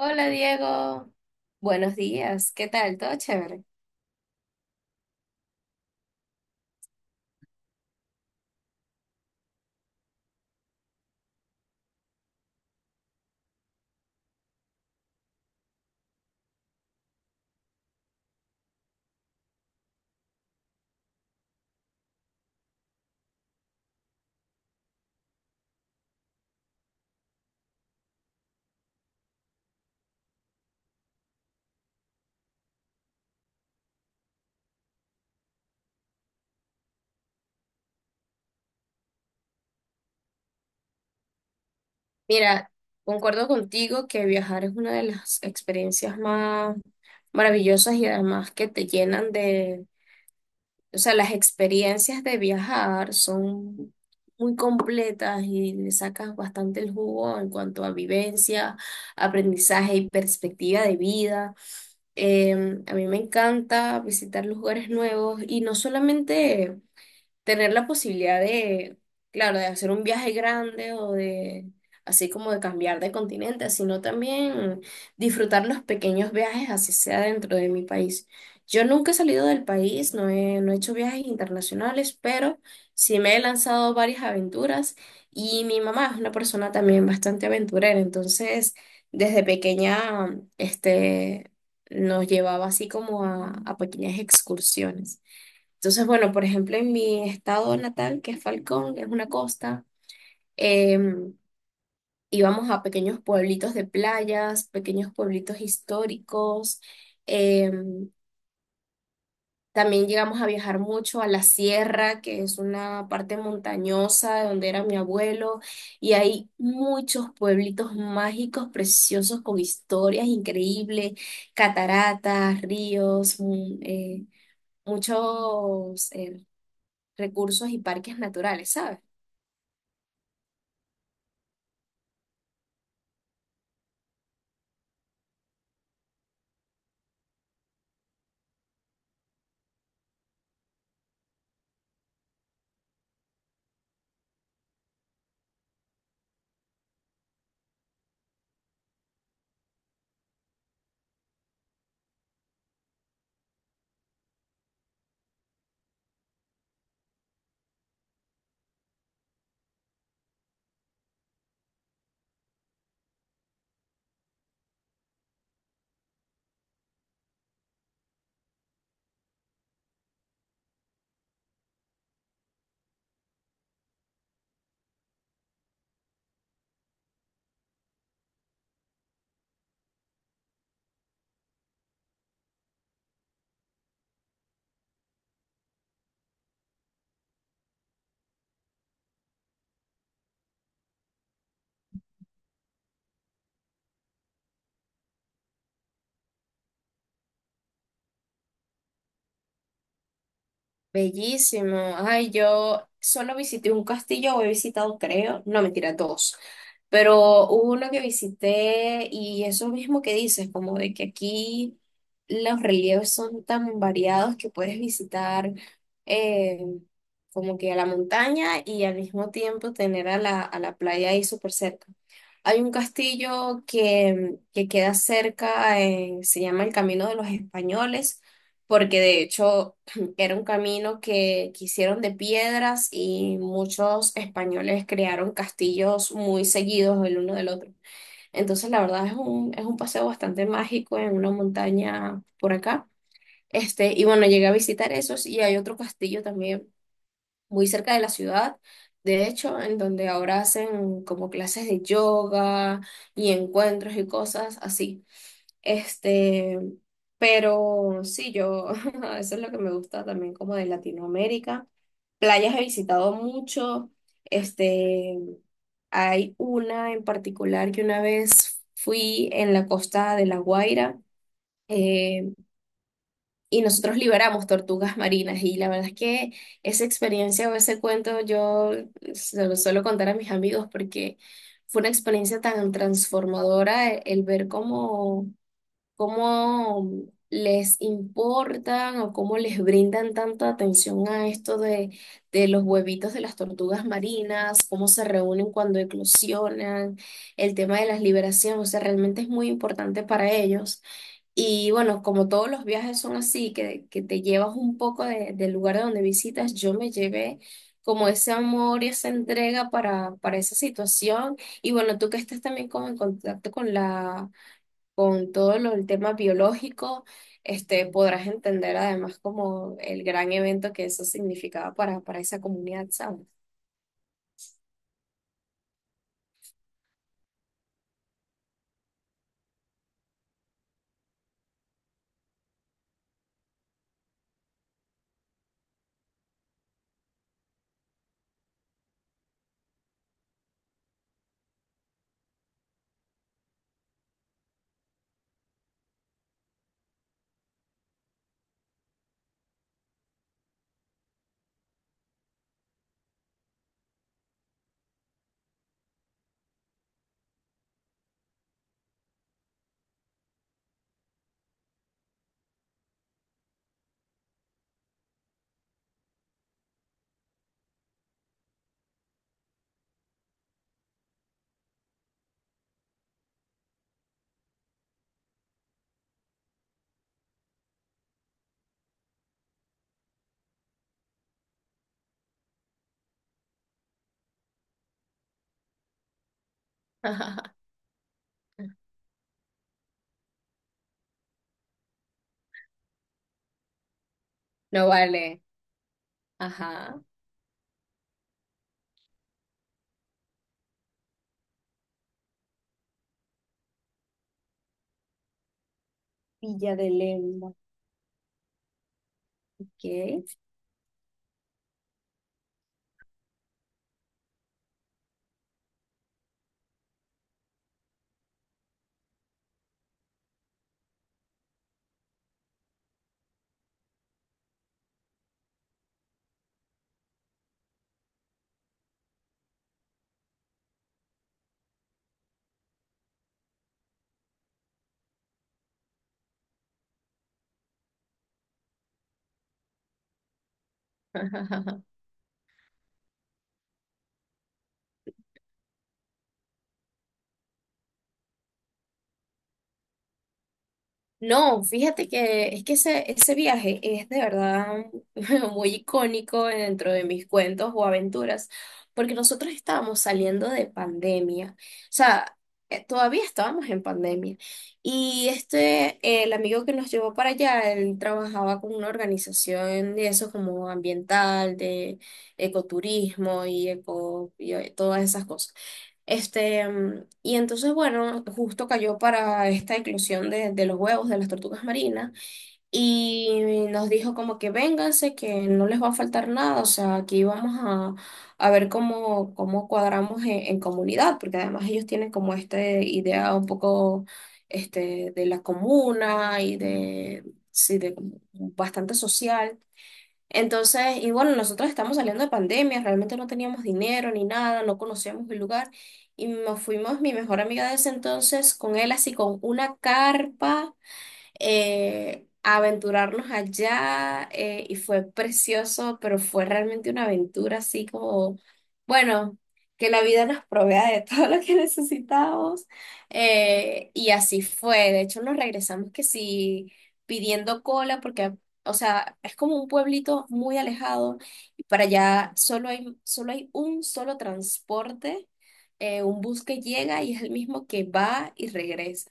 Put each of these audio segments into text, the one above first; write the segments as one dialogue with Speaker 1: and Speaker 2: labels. Speaker 1: Hola Diego, buenos días, ¿qué tal? ¿Todo chévere? Mira, concuerdo contigo que viajar es una de las experiencias más maravillosas y además que te llenan o sea, las experiencias de viajar son muy completas y le sacas bastante el jugo en cuanto a vivencia, aprendizaje y perspectiva de vida. A mí me encanta visitar lugares nuevos y no solamente tener la posibilidad claro, de hacer un viaje grande así como de cambiar de continente, sino también disfrutar los pequeños viajes, así sea dentro de mi país. Yo nunca he salido del país, no he hecho viajes internacionales, pero sí me he lanzado varias aventuras y mi mamá es una persona también bastante aventurera, entonces desde pequeña, este, nos llevaba así como a pequeñas excursiones. Entonces, bueno, por ejemplo, en mi estado natal, que es Falcón, es una costa, em, íbamos a pequeños pueblitos de playas, pequeños pueblitos históricos. em, También llegamos a viajar mucho a la sierra, que es una parte montañosa de donde era mi abuelo, y hay muchos pueblitos mágicos, preciosos, con historias increíbles, cataratas, ríos, muchos... recursos y parques naturales, ¿sabes? Bellísimo. Ay, yo solo visité un castillo, o he visitado, creo, no, mentira, dos. Pero hubo uno que visité y eso mismo que dices, como de que aquí los relieves son tan variados que puedes visitar eh, como que a la montaña y al mismo tiempo tener a a la playa ahí súper cerca. Hay un castillo que queda cerca, se llama el Camino de los Españoles, porque de hecho... Era un camino que hicieron de piedras y muchos españoles crearon castillos muy seguidos el uno del otro. Entonces, la verdad es es un paseo bastante mágico en una montaña por acá. Este, y bueno, llegué a visitar esos y hay otro castillo también muy cerca de la ciudad, de hecho, en donde ahora hacen como clases de yoga y encuentros y cosas así. Este, pero sí, yo, eso es lo que me gusta también como de Latinoamérica. Playas he visitado mucho. Este, hay una en particular que una vez fui en la costa de La Guaira. eh, y nosotros liberamos tortugas marinas y la verdad es que esa experiencia o ese cuento yo se lo suelo contar a mis amigos porque fue una experiencia tan transformadora el ver cómo, cómo les importan o cómo les brindan tanta atención a esto de los huevitos de las tortugas marinas, cómo se reúnen cuando eclosionan, el tema de las liberaciones, o sea, realmente es muy importante para ellos. Y bueno, como todos los viajes son así, que te llevas un poco de- del lugar de donde visitas, yo me llevé como ese amor y esa entrega para esa situación. Y bueno, tú que estás también como en contacto con con todo lo, el tema biológico, este, podrás entender además como el gran evento que eso significaba para esa comunidad, ¿sabes? No vale. Ajá. Villa de Leyva. Ok. No, fíjate que es que ese viaje es de verdad muy icónico dentro de mis cuentos o aventuras, porque nosotros estábamos saliendo de pandemia, o sea, todavía estábamos en pandemia, y este, el amigo que nos llevó para allá, él trabajaba con una organización de eso como ambiental, de ecoturismo y todas esas cosas. Y entonces, bueno, justo cayó para esta inclusión de los huevos de las tortugas marinas y nos dijo como que vénganse, que no les va a faltar nada, o sea, aquí vamos a ver cómo, cómo cuadramos en comunidad, porque además ellos tienen como esta idea un poco este, de la comuna sí, de bastante social. Entonces, y bueno, nosotros estamos saliendo de pandemia, realmente no teníamos dinero ni nada, no conocíamos el lugar y nos fuimos, mi mejor amiga de ese entonces, con él así con una carpa a aventurarnos allá, y fue precioso, pero fue realmente una aventura así como, bueno, que la vida nos provea de todo lo que necesitábamos, y así fue. De hecho, nos regresamos que sí pidiendo cola porque... ah, o sea, es como un pueblito muy alejado y para allá solo hay un solo transporte, un bus que llega y es el mismo que va y regresa.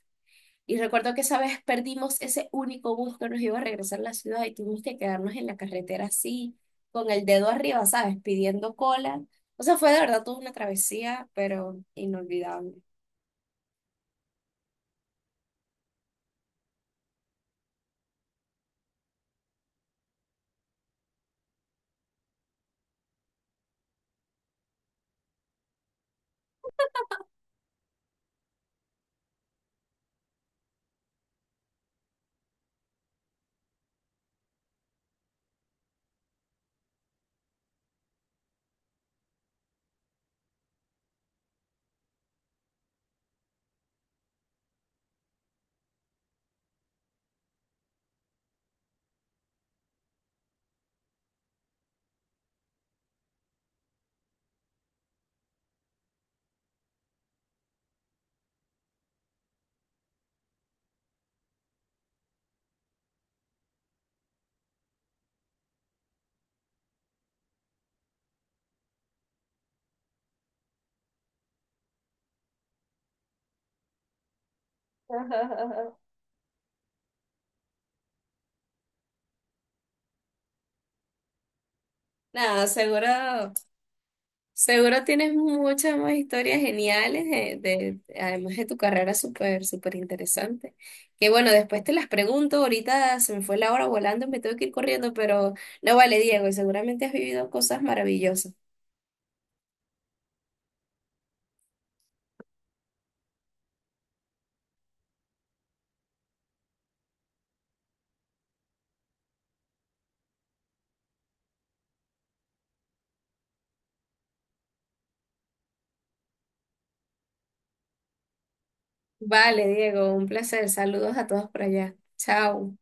Speaker 1: Y recuerdo que esa vez perdimos ese único bus que nos iba a regresar a la ciudad y tuvimos que quedarnos en la carretera así, con el dedo arriba, ¿sabes? Pidiendo cola. O sea, fue de verdad toda una travesía, pero inolvidable. Nada, seguro, seguro tienes muchas más historias geniales de- además de tu carrera súper, súper interesante. Que bueno, después te las pregunto, ahorita se me fue la hora volando, me tengo que ir corriendo, pero no vale, Diego, y seguramente has vivido cosas maravillosas. Vale, Diego, un placer. Saludos a todos por allá. Chao.